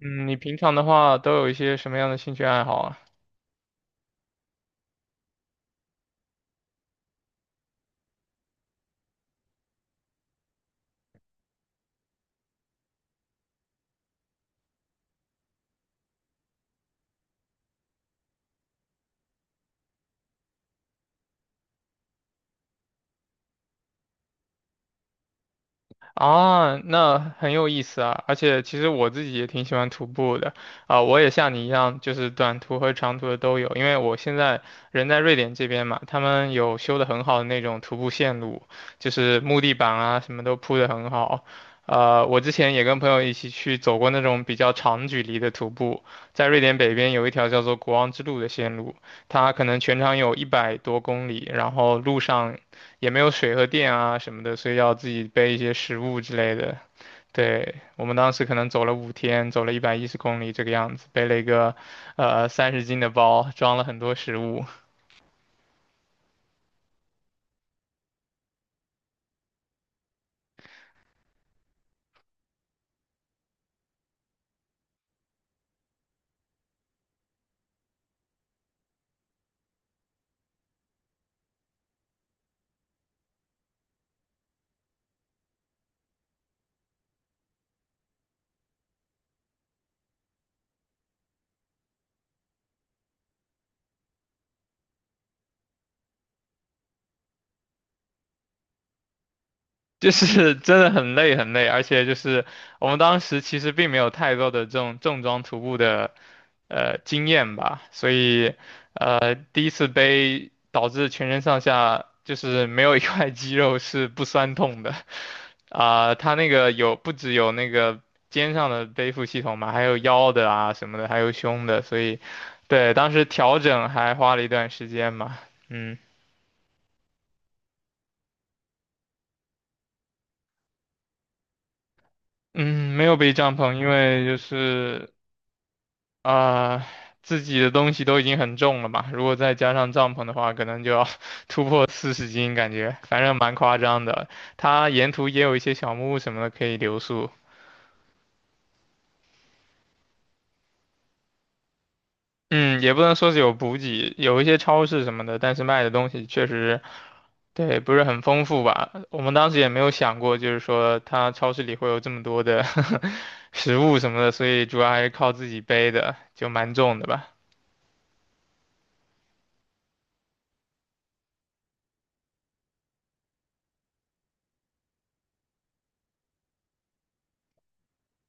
嗯，你平常的话都有一些什么样的兴趣爱好啊？啊，那很有意思啊！而且其实我自己也挺喜欢徒步的啊，我也像你一样，就是短途和长途的都有。因为我现在人在瑞典这边嘛，他们有修的很好的那种徒步线路，就是木地板啊什么都铺的很好。我之前也跟朋友一起去走过那种比较长距离的徒步，在瑞典北边有一条叫做国王之路的线路。它可能全长有100多公里，然后路上也没有水和电啊什么的，所以要自己背一些食物之类的。对，我们当时可能走了5天，走了110公里这个样子，背了一个30斤的包，装了很多食物。就是真的很累很累，而且就是我们当时其实并没有太多的这种重装徒步的经验吧，所以第一次背导致全身上下就是没有一块肌肉是不酸痛的，它那个不只有那个肩上的背负系统嘛，还有腰的啊什么的，还有胸的，所以对当时调整还花了一段时间嘛，嗯。嗯，没有背帐篷，因为就是啊、自己的东西都已经很重了嘛，如果再加上帐篷的话，可能就要 突破40斤，感觉反正蛮夸张的。它沿途也有一些小木屋什么的可以留宿，嗯，也不能说是有补给，有一些超市什么的，但是卖的东西确实，对，不是很丰富吧。我们当时也没有想过，就是说它超市里会有这么多的 食物什么的，所以主要还是靠自己背的，就蛮重的吧。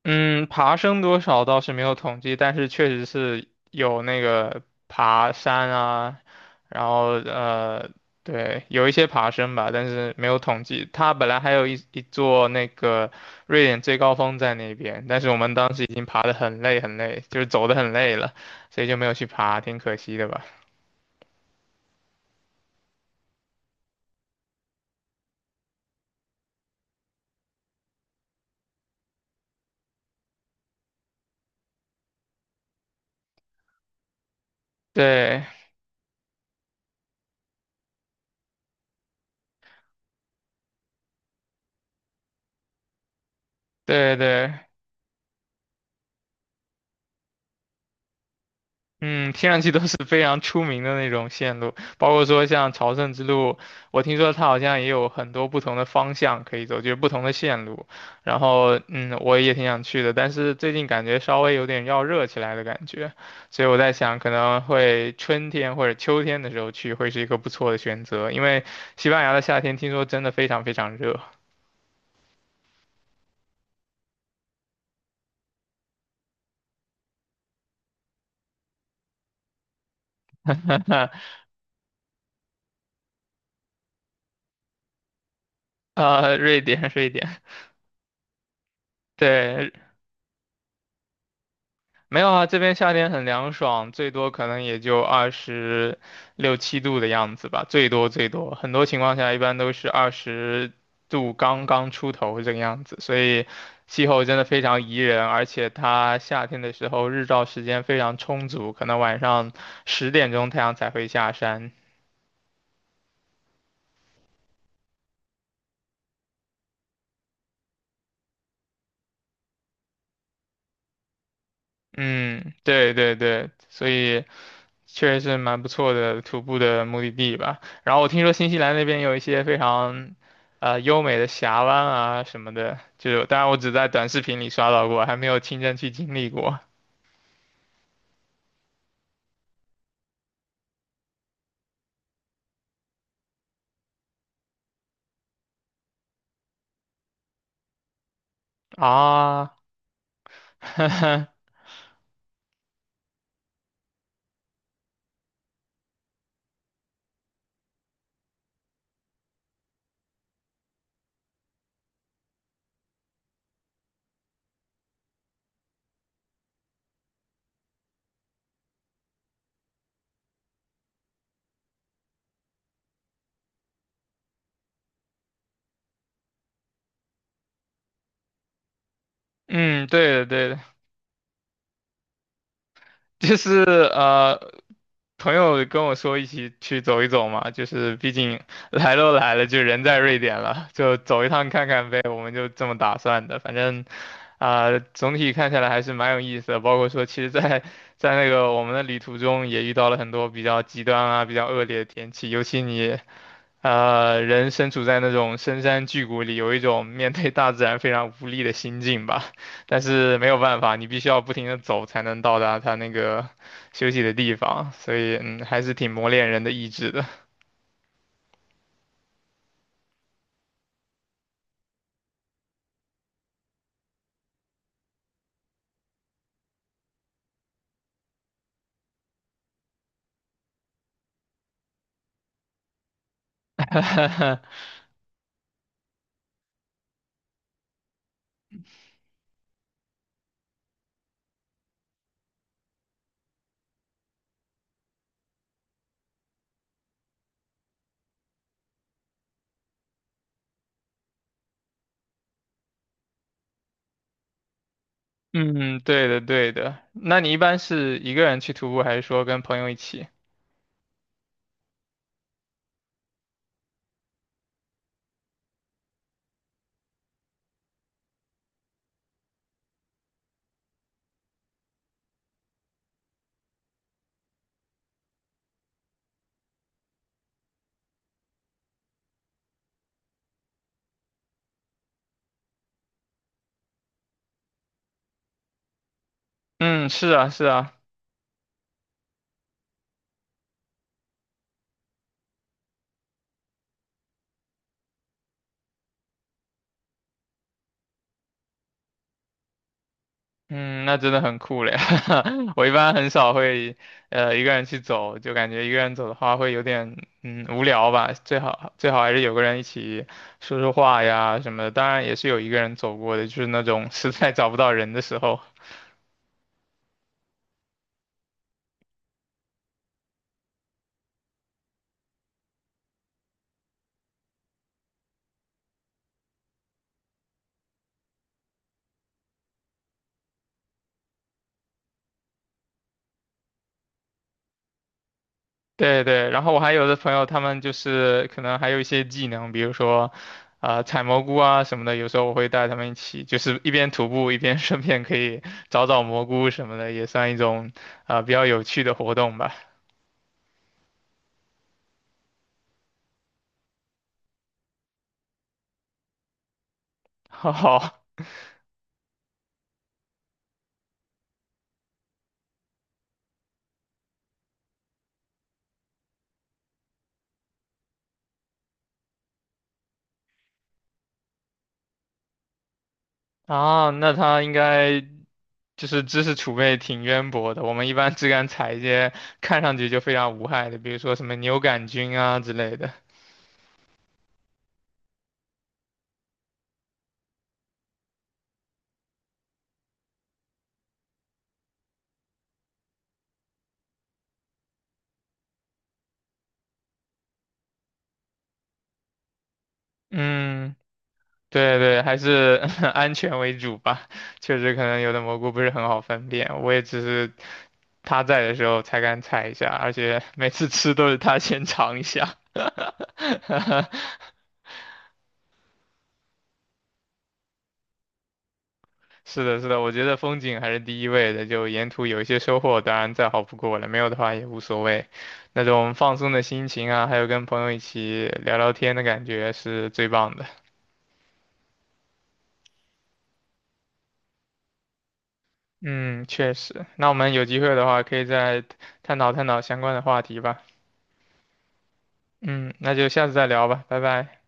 嗯，爬升多少倒是没有统计，但是确实是有那个爬山啊，然后对，有一些爬升吧，但是没有统计。它本来还有一座那个瑞典最高峰在那边，但是我们当时已经爬得很累很累，就是走得很累了，所以就没有去爬，挺可惜的吧。对，对对，嗯，听上去都是非常出名的那种线路，包括说像朝圣之路，我听说它好像也有很多不同的方向可以走，就是不同的线路。然后，嗯，我也挺想去的，但是最近感觉稍微有点要热起来的感觉，所以我在想，可能会春天或者秋天的时候去会是一个不错的选择，因为西班牙的夏天听说真的非常非常热。瑞典，瑞典，对，没有啊，这边夏天很凉爽，最多可能也就26、27度的样子吧，最多最多，很多情况下一般都是20度刚刚出头这个样子，所以气候真的非常宜人，而且它夏天的时候日照时间非常充足，可能晚上10点钟太阳才会下山。嗯，对对对，所以。确实是蛮不错的徒步的目的地吧。然后我听说新西兰那边有一些非常，优美的峡湾啊什么的，就是当然我只在短视频里刷到过，还没有亲身去经历过啊。嗯，对的对的，就是朋友跟我说一起去走一走嘛，就是毕竟来都来了，就人在瑞典了，就走一趟看看呗，我们就这么打算的。反正总体看下来还是蛮有意思的，包括说，其实在那个我们的旅途中也遇到了很多比较极端啊、比较恶劣的天气，尤其你人身处在那种深山巨谷里，有一种面对大自然非常无力的心境吧。但是没有办法，你必须要不停的走才能到达它那个休息的地方，所以还是挺磨练人的意志的。嗯，对的，对的。那你一般是一个人去徒步，还是说跟朋友一起？嗯，是啊，是啊。嗯，那真的很酷嘞！我一般很少会，一个人去走，就感觉一个人走的话会有点，无聊吧。最好最好还是有个人一起说说话呀什么的。当然也是有一个人走过的，就是那种 实在找不到人的时候。对对，然后我还有的朋友，他们就是可能还有一些技能，比如说，采蘑菇啊什么的。有时候我会带他们一起，就是一边徒步一边 顺便可以找找蘑菇什么的，也算一种比较有趣的活动吧。好啊，那他应该就是知识储备挺渊博的。我们一般只敢采一些看上去就非常无害的，比如说什么牛杆菌啊之类的。嗯，对对，还是 安全为主吧。确实，可能有的蘑菇不是很好分辨，我也只是他在的时候才敢采一下，而且每次吃都是他先尝一下。是的，是的，我觉得风景还是第一位的，就沿途有一些收获，当然再好不过了，没有的话也无所谓。那种放松的心情啊，还有跟朋友一起聊聊天的感觉是最棒的。嗯，确实。那我们有机会的话，可以再探讨探讨相关的话题吧。嗯，那就下次再聊吧，拜拜。